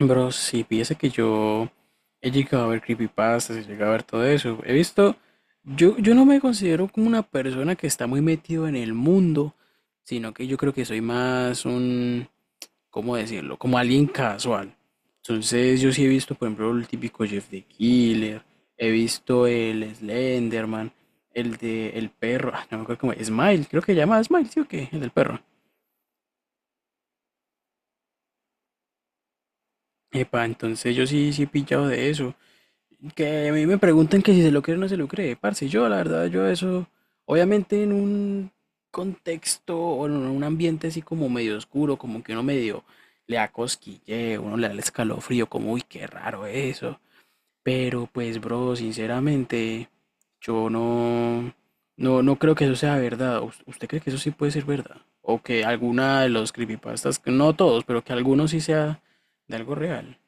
Bro, sí. Piensa que yo he llegado a ver creepypastas, he llegado a ver todo eso. He visto, yo no me considero como una persona que está muy metido en el mundo, sino que yo creo que soy más un, ¿cómo decirlo? Como alguien casual. Entonces, yo sí he visto, por ejemplo, el típico Jeff the Killer, he visto el Slenderman, el de el perro, ah, no me acuerdo cómo, Smile, creo que se llama Smile, ¿sí o qué? El del perro. Epa, entonces yo sí, sí he pillado de eso. Que a mí me preguntan que si se lo cree o no se lo cree, parce. Yo, la verdad, yo eso, obviamente en un contexto o en un ambiente así como medio oscuro, como que uno medio le da cosquilleo, uno le da el escalofrío, como, uy, qué raro eso. Pero pues, bro, sinceramente, yo no, no, creo que eso sea verdad. Usted cree que eso sí puede ser verdad? O que alguna de los creepypastas, no todos, pero que alguno sí sea de algo real.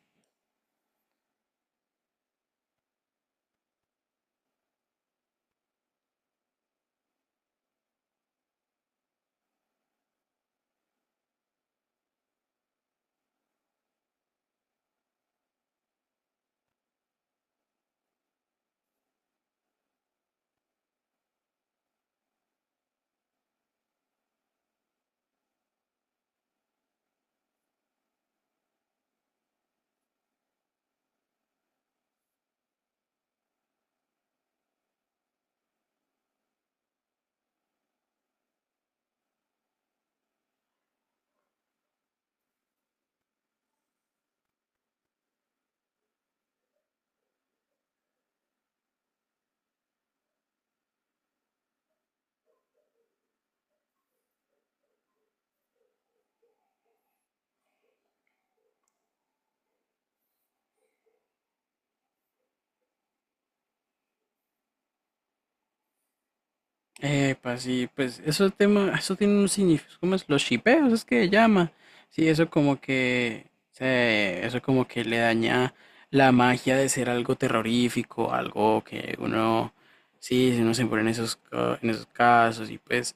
Pues sí, pues eso tema, eso tiene un significado, ¿cómo es? Los shipeos, es que llama. Sí, eso como que se, eso como que le daña la magia de ser algo terrorífico, algo que uno, sí, si uno se pone en esos, en esos casos y pues,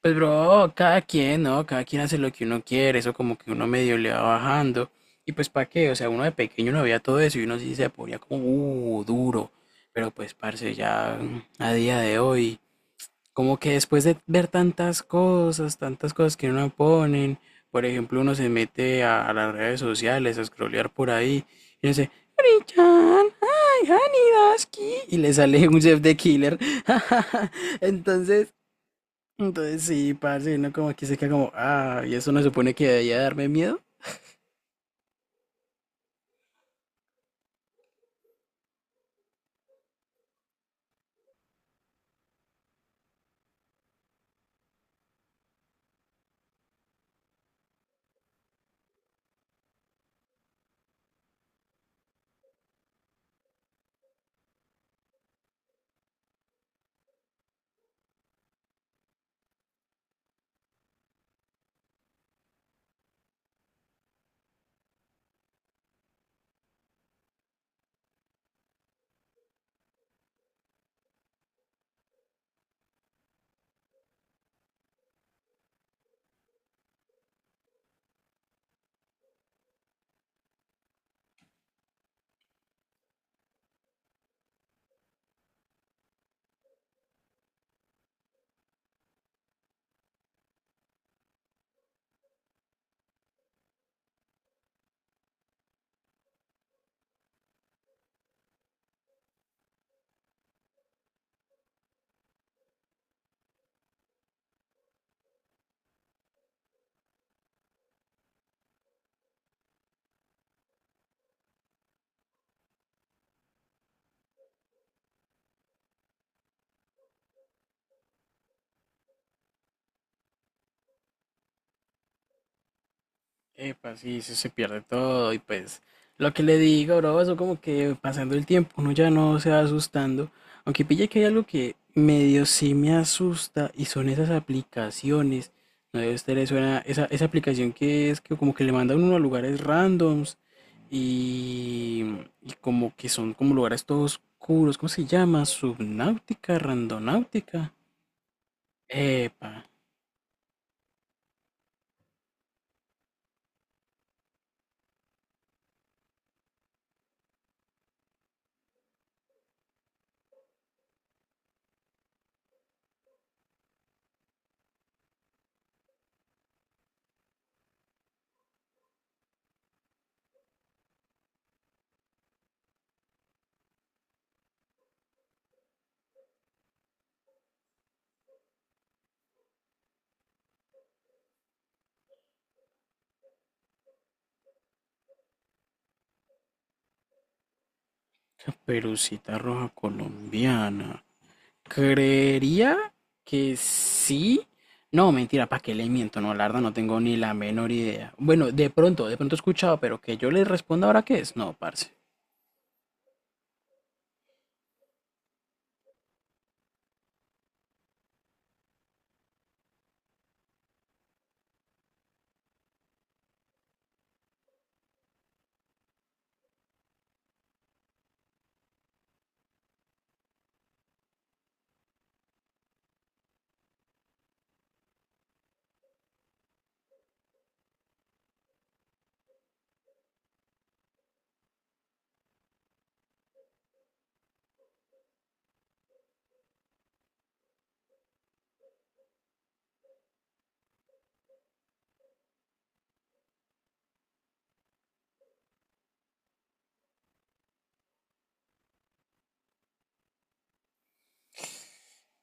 pues bro, cada quien, ¿no? Cada quien hace lo que uno quiere, eso como que uno medio le va bajando. Y pues ¿para qué? O sea, uno de pequeño no veía todo eso y uno sí se ponía como, duro. Pero pues, parce, ya a día de hoy. Como que después de ver tantas cosas que uno ponen, por ejemplo, uno se mete a las redes sociales a scrollear por ahí y dice, Richard, ay, Hanidaski, y le sale un Jeff the Killer. Entonces, entonces sí, parce, uno como que se queda como, ah, y eso no supone que debería darme miedo. Epa, sí, sí se pierde todo y pues lo que le digo, bro, eso como que pasando el tiempo uno ya no se va asustando, aunque pille que hay algo que medio sí me asusta y son esas aplicaciones, no debe estar eso, esa aplicación que es que como que le mandan uno a lugares randoms y, y como que son como lugares todos oscuros, ¿cómo se llama? Subnáutica, randonáutica. Epa, caperucita roja colombiana. Creería que sí. No, mentira, ¿para qué le miento? No, la verdad no tengo ni la menor idea. Bueno, de pronto he escuchado, pero que yo le responda ahora qué es. No, parce.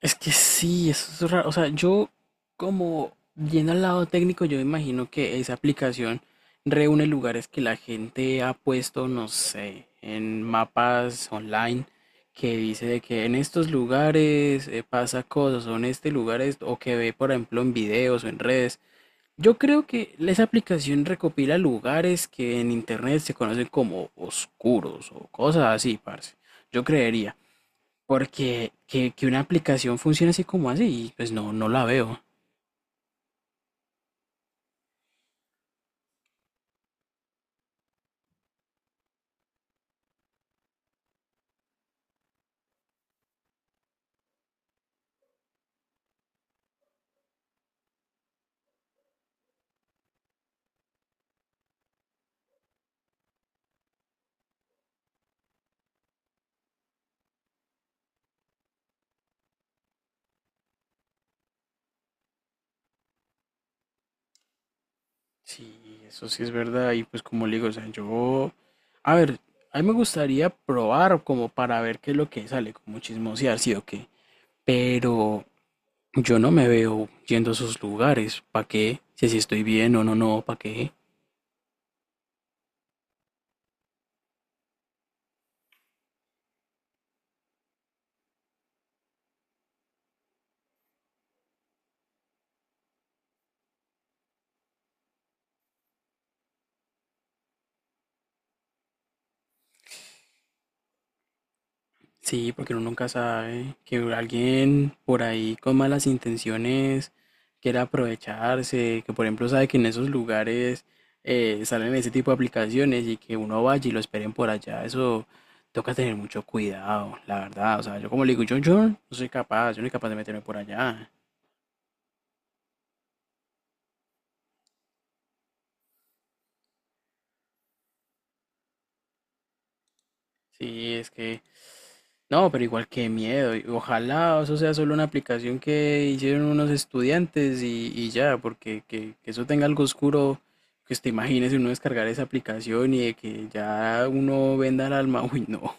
Es que sí, eso es raro. O sea, yo como yendo al lado técnico, yo me imagino que esa aplicación reúne lugares que la gente ha puesto, no sé, en mapas online que dice de que en estos lugares pasa cosas, o en este lugar esto, o que ve, por ejemplo, en videos o en redes. Yo creo que esa aplicación recopila lugares que en internet se conocen como oscuros o cosas así, parce. Yo creería, porque que una aplicación funcione así como así, pues no, no la veo. Sí, eso sí es verdad. Y pues como le digo, o sea, yo, a ver, a mí me gustaría probar como para ver qué es lo que sale, como chismosear, sí o qué. Pero yo no me veo yendo a esos lugares. ¿Para qué? Si así estoy bien o no, no, ¿para qué? Sí, porque uno nunca sabe que alguien por ahí con malas intenciones quiera aprovecharse, que por ejemplo sabe que en esos lugares salen ese tipo de aplicaciones y que uno vaya y lo esperen por allá, eso toca tener mucho cuidado, la verdad. O sea, yo como le digo, yo no soy capaz, yo no soy capaz de meterme por allá. Sí, es que no, pero igual qué miedo. Y ojalá eso sea solo una aplicación que hicieron unos estudiantes y ya, porque que eso tenga algo oscuro, que te imagines uno descargar esa aplicación y de que ya uno venda el alma. Uy, no.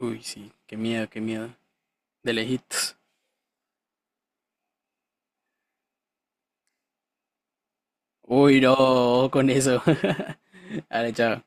Uy, sí, qué miedo, qué miedo. De lejitos. Uy, no, con eso. Dale, chao.